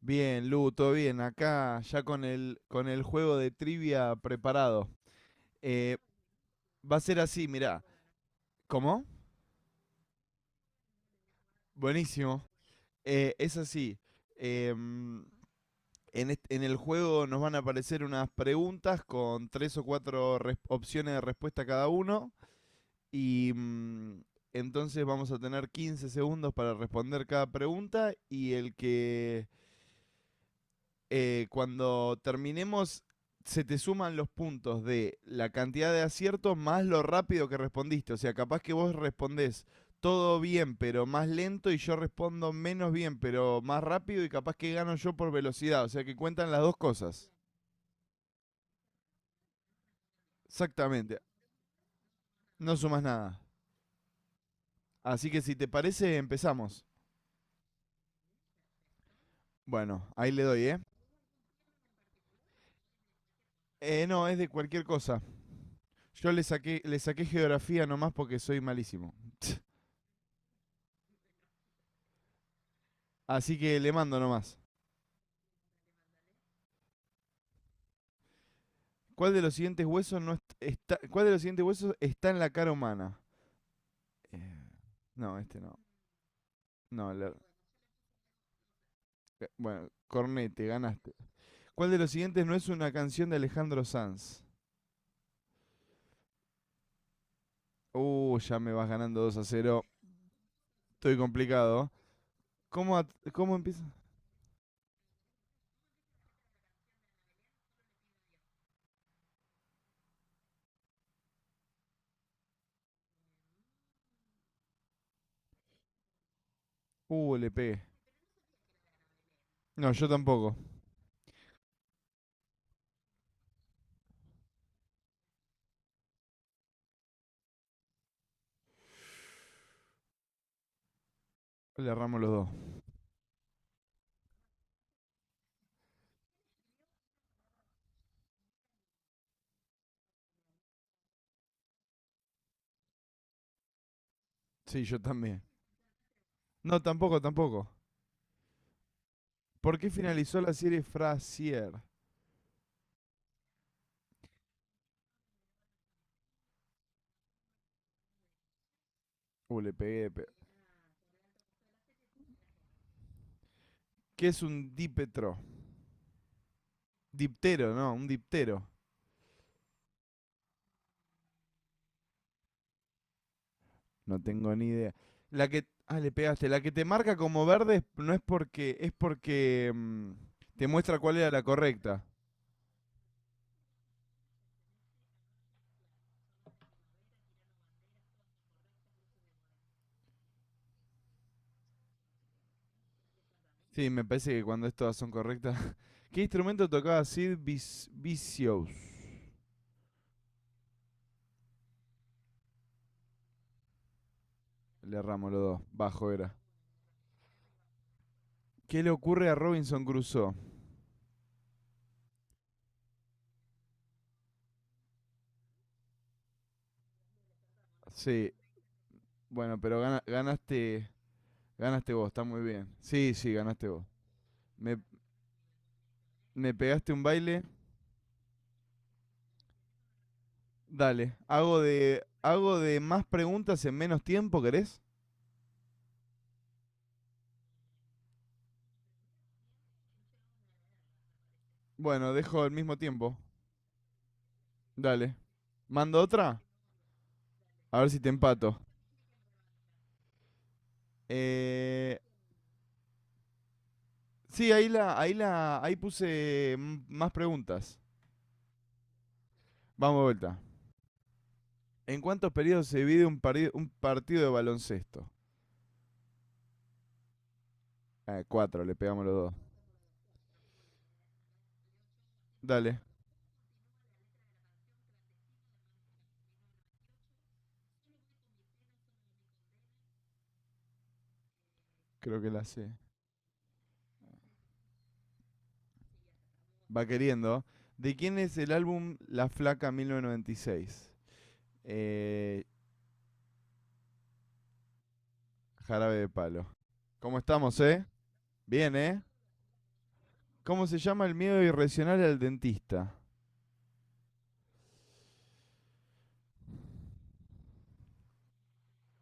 Bien, Lu, todo bien. Acá ya con el juego de trivia preparado. Eh, Va a ser así, mirá. ¿Cómo? Buenísimo. Es así. em, en el juego nos van a aparecer unas preguntas con tres o cuatro opciones de respuesta cada uno. Y entonces vamos a tener 15 segundos para responder cada pregunta. Y el que cuando terminemos, se te suman los puntos de la cantidad de aciertos más lo rápido que respondiste. O sea, capaz que vos respondés todo bien, pero más lento, y yo respondo menos bien, pero más rápido, y capaz que gano yo por velocidad. O sea, que cuentan las dos cosas. Exactamente. No sumas nada. Así que si te parece, empezamos. Bueno, ahí le doy, ¿eh? No, es de cualquier cosa. Yo le saqué geografía nomás porque soy malísimo. Así que le mando nomás. ¿Cuál de los siguientes huesos está en la cara humana? Eh, no, este no. No, bueno, Cornete, ganaste. ¿Cuál de los siguientes no es una canción de Alejandro Sanz? Ya me vas ganando 2-0. Estoy complicado. ¿Cómo, cómo empieza? Le pegué. No, yo tampoco. Le erramos los dos. Sí, yo también. No, tampoco, tampoco. ¿Por qué finalizó la serie Frasier? Le pegué. ¿Qué es un dipetro? Diptero, no, un diptero. No tengo ni idea. La que. Ah, le pegaste. La que te marca como verde no es porque, es porque, te muestra cuál era la correcta. Sí, me parece que cuando es todas son correctas. ¿Qué instrumento tocaba Sid Vicious? Le erramos los dos. Bajo era. ¿Qué le ocurre a Robinson Crusoe? Sí. Bueno, pero ganaste. Ganaste vos, está muy bien. Sí, sí, ganaste vos. Me, me pegaste un baile. Dale. Hago de más preguntas en menos tiempo, ¿querés? Bueno, dejo el mismo tiempo. Dale. ¿Mando otra? A ver si te empato. Eh, sí, ahí puse más preguntas. Vamos de vuelta. ¿En cuántos periodos se divide un partido de baloncesto? Cuatro, le pegamos los dos. Dale, creo que la sé. Va queriendo. ¿De quién es el álbum La Flaca 1996? Eh, Jarabe de Palo. ¿Cómo estamos, eh? Bien, ¿eh? ¿Cómo se llama el miedo irracional al dentista?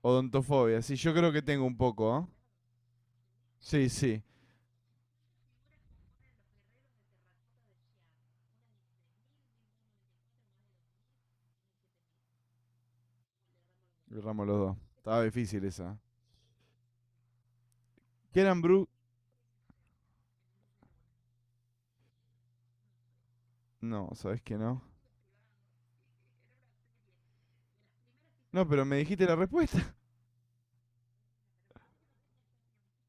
Odontofobia. Sí, yo creo que tengo un poco, ¿eh? Sí, sí. Erramos los dos. Estaba difícil esa. Kieran Bru... No, ¿sabes que no? No, pero me dijiste la respuesta.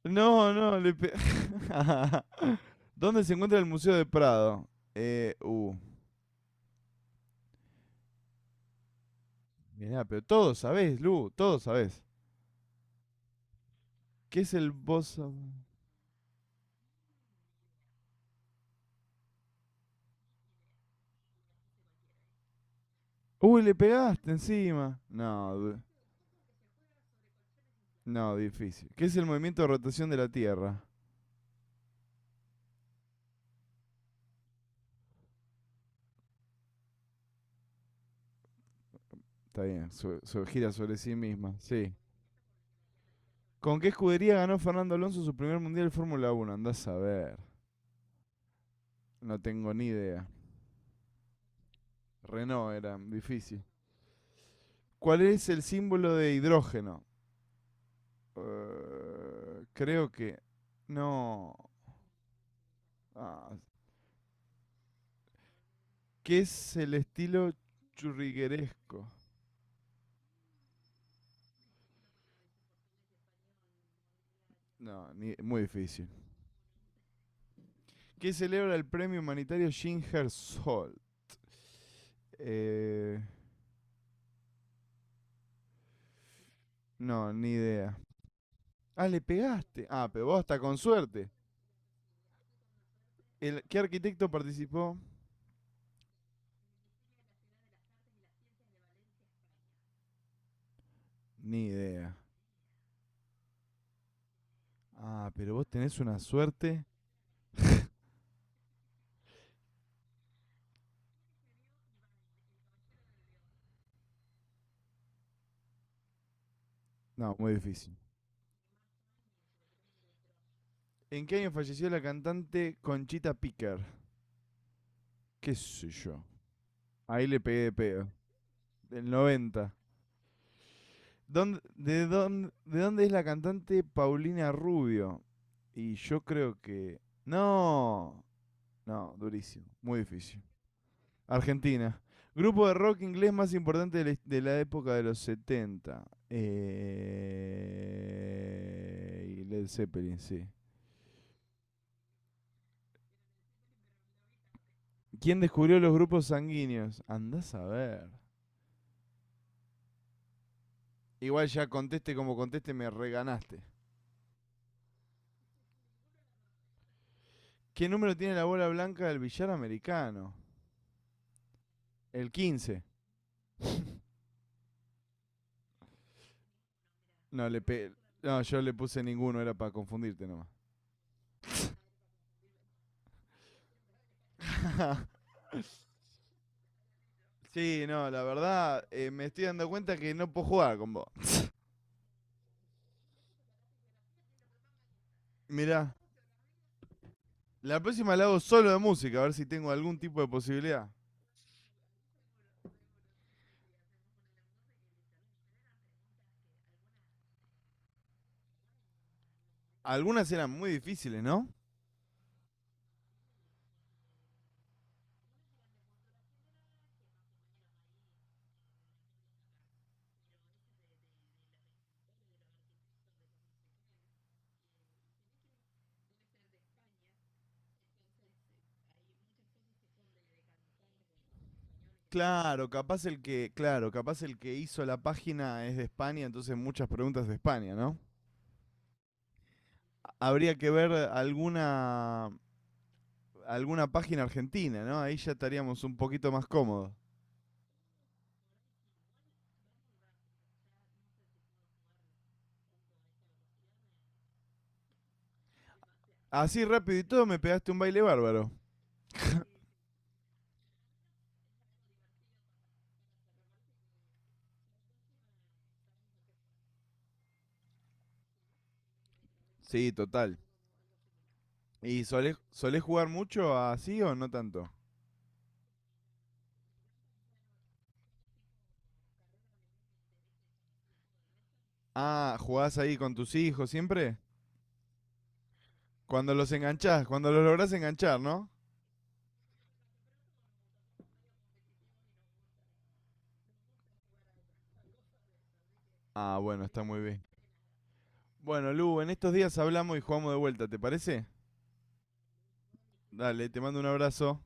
No, no, ¿Dónde se encuentra el Museo de Prado? Eh, uh. Mirá, pero todos sabés, Lu, todos sabés. ¿Qué es el bozo? Uy, le pegaste encima. No, no, difícil. ¿Qué es el movimiento de rotación de la Tierra? Está bien, gira sobre sí misma, sí. ¿Con qué escudería ganó Fernando Alonso su primer mundial de Fórmula Uno? Andás a ver. No tengo ni idea. Renault era difícil. ¿Cuál es el símbolo de hidrógeno? Creo que. No. Ah. ¿Qué es el estilo churrigueresco? No, muy difícil. ¿Qué celebra el premio humanitario Ginger Sol? Eh, no, ni idea. Ah, le pegaste. Ah, pero vos hasta con suerte. ¿Qué arquitecto participó? Ni idea. Ah, pero vos tenés una suerte. No, muy difícil. ¿En qué año falleció la cantante Conchita Picker? ¿Qué sé yo? Ahí le pegué de pedo. Del 90. ¿De dónde es la cantante Paulina Rubio? Y yo creo que... No. No, durísimo. Muy difícil. Argentina. Grupo de rock inglés más importante de de la época de los 70. Y Led Zeppelin, sí. ¿Quién descubrió los grupos sanguíneos? Andás a ver. Igual ya conteste como conteste, me reganaste. ¿Qué número tiene la bola blanca del billar americano? El 15. No, no yo le puse ninguno, era para confundirte nomás. sí, no, la verdad, me estoy dando cuenta que no puedo jugar con vos. Mirá, la próxima la hago solo de música, a ver si tengo algún tipo de posibilidad. Algunas eran muy difíciles, ¿no? Claro, capaz el que hizo la página es de España, entonces muchas preguntas de España, ¿no? Habría que ver alguna página argentina, ¿no? Ahí ya estaríamos un poquito más cómodos. Así rápido y todo me pegaste un baile bárbaro. Sí, total. ¿Y solés jugar mucho así o no tanto? Ah, ¿jugás ahí con tus hijos siempre? Cuando los enganchás, cuando los lográs enganchar, ¿no? Ah, bueno, está muy bien. Bueno, Lu, en estos días hablamos y jugamos de vuelta, ¿te parece? Dale, te mando un abrazo.